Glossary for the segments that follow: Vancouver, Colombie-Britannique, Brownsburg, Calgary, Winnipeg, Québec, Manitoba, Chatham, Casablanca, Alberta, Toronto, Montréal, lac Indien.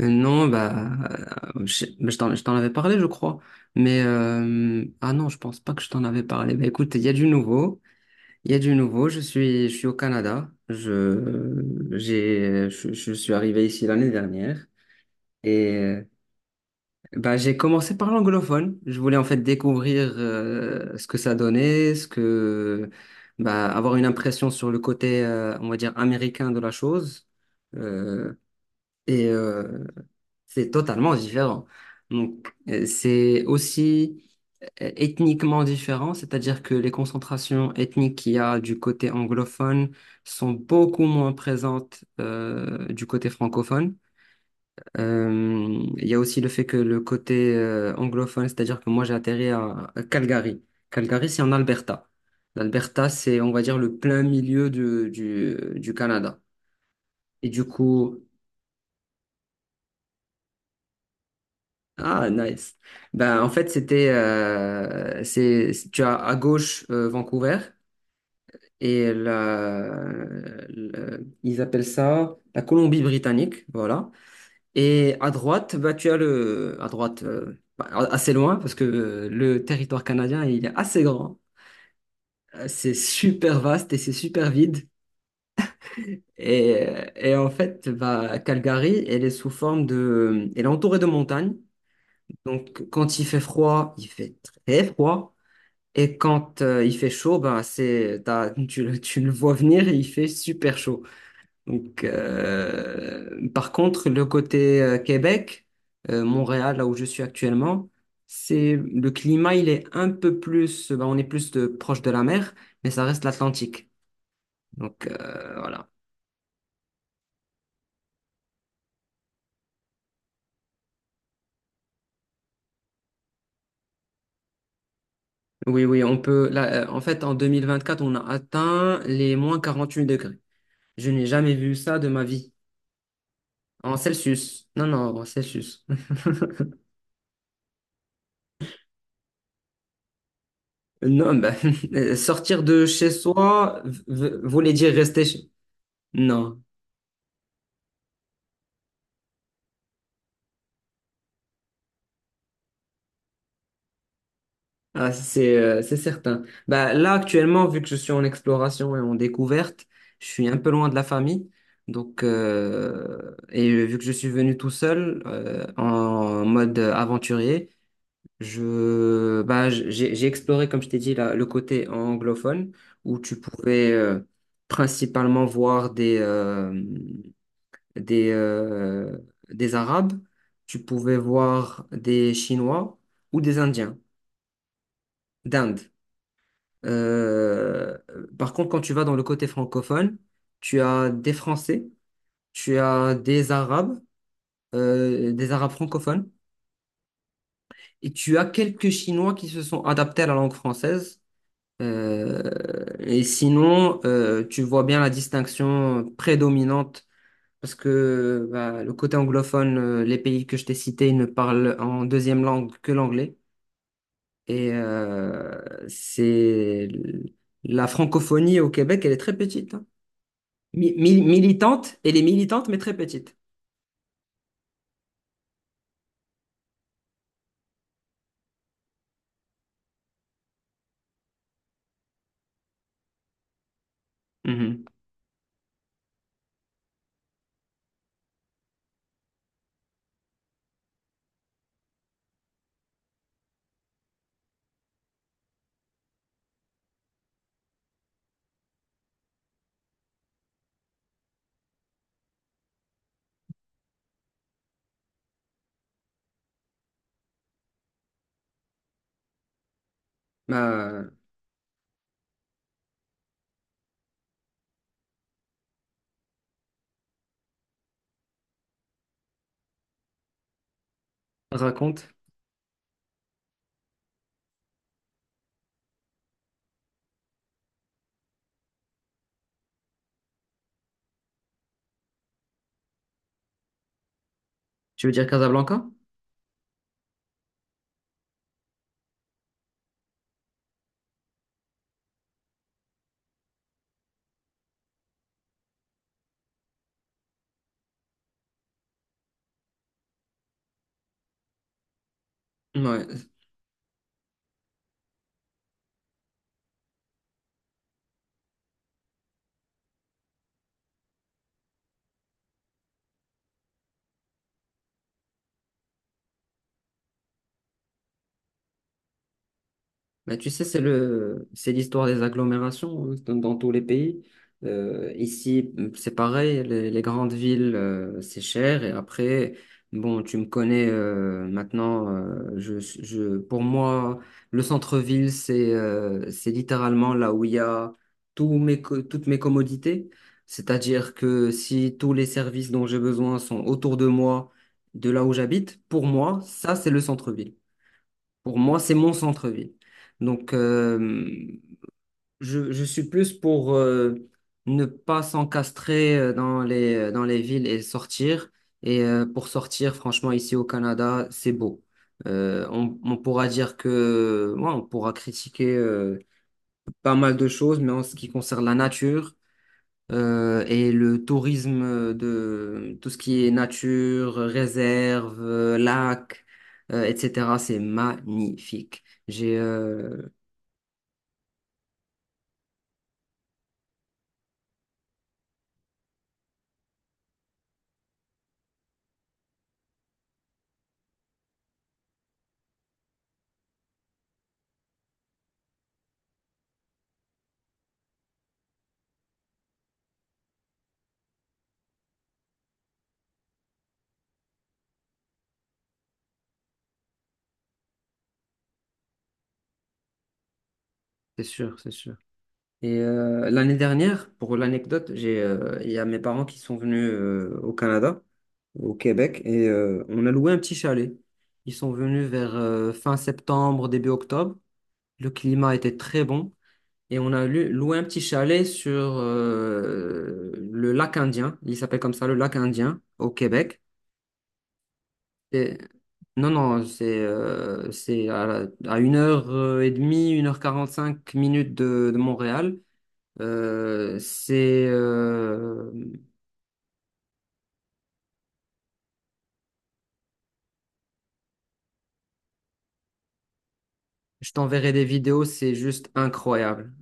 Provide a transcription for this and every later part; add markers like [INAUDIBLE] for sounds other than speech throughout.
Non, bah, je t'en avais parlé, je crois. Mais ah non, je pense pas que je t'en avais parlé. Bah écoute, il y a du nouveau. Je suis au Canada. Je suis arrivé ici l'année dernière et euh, bah j'ai commencé par l'anglophone. Je voulais en fait découvrir ce que ça donnait, ce que bah avoir une impression sur le côté, on va dire américain de la chose. Euh, et euh, c'est totalement différent. Donc, c'est aussi ethniquement différent, c'est-à-dire que les concentrations ethniques qu'il y a du côté anglophone sont beaucoup moins présentes du côté francophone. Euh, il y a aussi le fait que le côté anglophone, c'est-à-dire que moi j'ai atterri à Calgary. Calgary, c'est en Alberta. L'Alberta, c'est, on va dire, le plein milieu du Canada. Et du coup, ah, nice. Ben, en fait, c'est, tu as à gauche Vancouver et ils appellent ça la Colombie-Britannique, voilà. Et à droite, bah, à droite, assez loin parce que le territoire canadien, il est assez grand. C'est super vaste et c'est super vide. Et, et en fait, bah, Calgary, elle est entourée de montagnes. Donc, quand il fait froid, il fait très froid. Et quand il fait chaud, ben c'est, tu le vois venir et il fait super chaud. Donc, par contre, le côté Québec, Montréal, là où je suis actuellement, c'est le climat, il est un peu plus, ben on est proche de la mer, mais ça reste l'Atlantique. Donc, voilà. Oui, oui, on peut. Là, en fait, en quatre, on a atteint les moins 48 degrés. Je n'ai jamais vu ça de ma vie. En Celsius. Non, non, en Celsius. [LAUGHS] Non, bah, [LAUGHS] sortir de chez soi voulait dire rester chez... Non, ah, c'est certain. Bah, là, actuellement, vu que je suis en exploration et en découverte, je suis un peu loin de la famille. Donc, vu que je suis venu tout seul, en mode aventurier, j'ai exploré, comme je t'ai dit, le côté anglophone, où tu pouvais principalement voir des, euh, des Arabes, tu pouvais voir des Chinois ou des Indiens d'Inde. Euh, Par contre, quand tu vas dans le côté francophone, tu as des Français, tu as des Arabes francophones, et tu as quelques Chinois qui se sont adaptés à la langue française. Euh, et sinon, tu vois bien la distinction prédominante parce que bah, le côté anglophone, les pays que je t'ai cités ne parlent en deuxième langue que l'anglais. Et euh, c'est la francophonie au Québec, elle est très petite. Hein. Militante, elle est militante, mais très petite. Mhm. Bah, raconte. Tu veux dire Casablanca? Ouais. Mais tu sais, c'est l'histoire des agglomérations hein, dans tous les pays. Ici, c'est pareil, les grandes villes, c'est cher. Et après, bon, tu me connais maintenant. Pour moi, le centre-ville, c'est littéralement là où il y a toutes mes commodités. C'est-à-dire que si tous les services dont j'ai besoin sont autour de moi, de là où j'habite, pour moi, ça, c'est le centre-ville. Pour moi, c'est mon centre-ville. Donc, je suis plus pour ne pas s'encastrer dans les villes et sortir. Et pour sortir, franchement, ici au Canada, c'est beau. On pourra dire que, ouais, on pourra critiquer pas mal de choses, mais en ce qui concerne la nature, et le tourisme de tout ce qui est nature, réserve, lac, etc., c'est magnifique. C'est sûr, c'est sûr. Et l'année dernière, pour l'anecdote, il y a mes parents qui sont venus au Canada, au Québec, et on a loué un petit chalet. Ils sont venus vers fin septembre, début octobre. Le climat était très bon. Et on a loué un petit chalet sur le lac Indien. Il s'appelle comme ça, le lac Indien, au Québec. Et- non, non, c'est à une heure et demie, une heure 45 minutes de Montréal. Euh, c'est, euh, je t'enverrai des vidéos, c'est juste incroyable.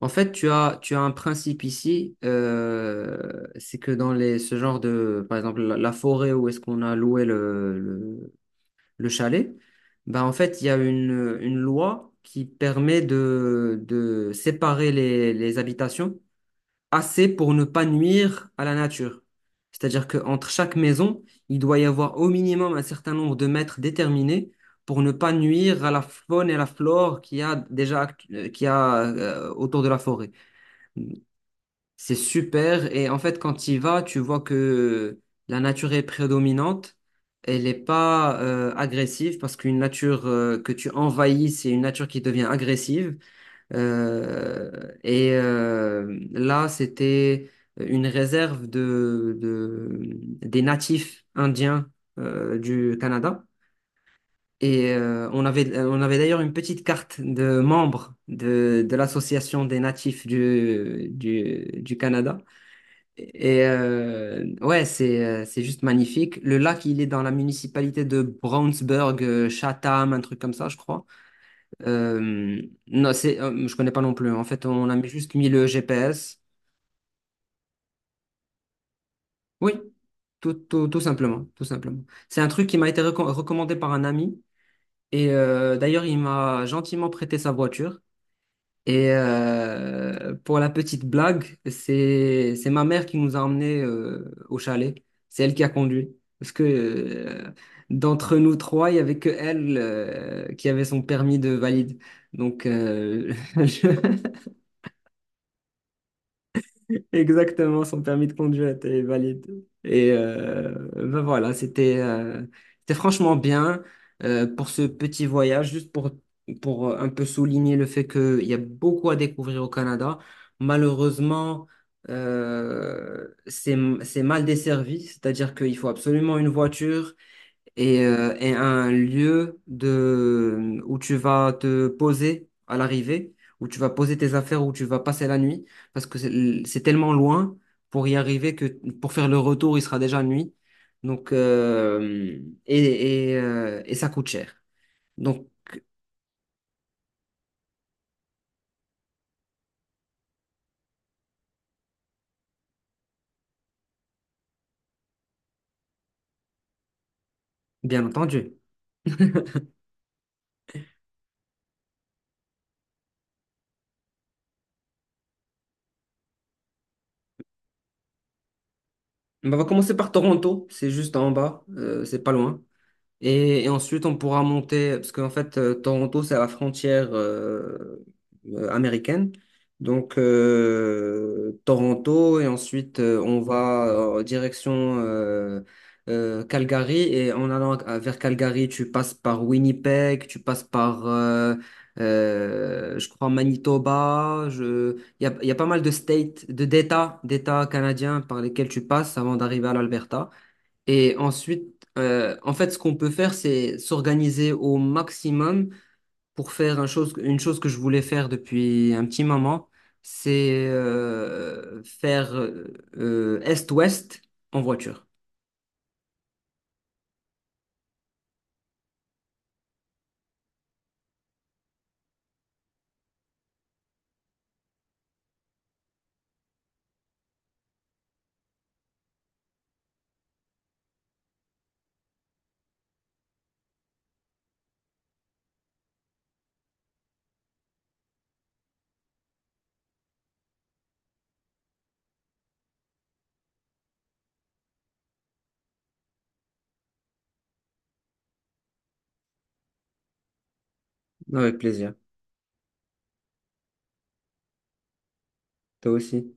En fait, tu as un principe ici, c'est que dans les, ce genre de, par exemple, la forêt où est-ce qu'on a loué le chalet, bah en fait, il y a une loi qui permet de séparer les habitations assez pour ne pas nuire à la nature. C'est-à-dire qu'entre chaque maison, il doit y avoir au minimum un certain nombre de mètres déterminés pour ne pas nuire à la faune et à la flore qu'il y a qu'il y a autour de la forêt. C'est super. Et en fait, quand tu y vas, tu vois que la nature est prédominante. Elle n'est pas agressive parce qu'une nature que tu envahis, c'est une nature qui devient agressive. Euh, Là, c'était une réserve des natifs indiens du Canada. Et on avait d'ailleurs une petite carte de membres de l'association des natifs du Canada. Et ouais, c'est juste magnifique. Le lac, il est dans la municipalité de Brownsburg, Chatham, un truc comme ça, je crois. Euh, non, c'est, je connais pas non plus. En fait, on a juste mis le GPS. Oui, tout, tout, tout simplement, tout simplement. C'est un truc qui m'a été recommandé par un ami. Et d'ailleurs, il m'a gentiment prêté sa voiture. Et pour la petite blague, c'est ma mère qui nous a emmenés au chalet. C'est elle qui a conduit. Parce que d'entre nous trois, il n'y avait que elle qui avait son permis de valide. Donc, [LAUGHS] je- [LAUGHS] exactement, son permis de conduire était valide. Et ben voilà, c'était franchement bien pour ce petit voyage, pour un peu souligner le fait qu'il y a beaucoup à découvrir au Canada. Malheureusement, euh, c'est, c'est mal desservi, c'est-à-dire qu'il faut absolument une voiture et un lieu où tu vas te poser à l'arrivée, où tu vas poser tes affaires, où tu vas passer la nuit, parce que c'est tellement loin pour y arriver que pour faire le retour, il sera déjà nuit. Donc, et ça coûte cher. Donc, bien entendu. [LAUGHS] On va commencer par Toronto, c'est juste en bas, c'est pas loin. Et ensuite, on pourra monter, parce qu'en fait, Toronto, c'est à la frontière américaine. Donc, Toronto, et ensuite, on va en direction Calgary. Et en allant vers Calgary, tu passes par Winnipeg, tu passes par, je crois, Manitoba. Je... il y a pas mal de d'États, d'États canadiens par lesquels tu passes avant d'arriver à l'Alberta. Et ensuite, en fait, ce qu'on peut faire, c'est s'organiser au maximum pour faire une chose que je voulais faire depuis un petit moment, c'est faire est-ouest en voiture. Avec plaisir. Toi aussi.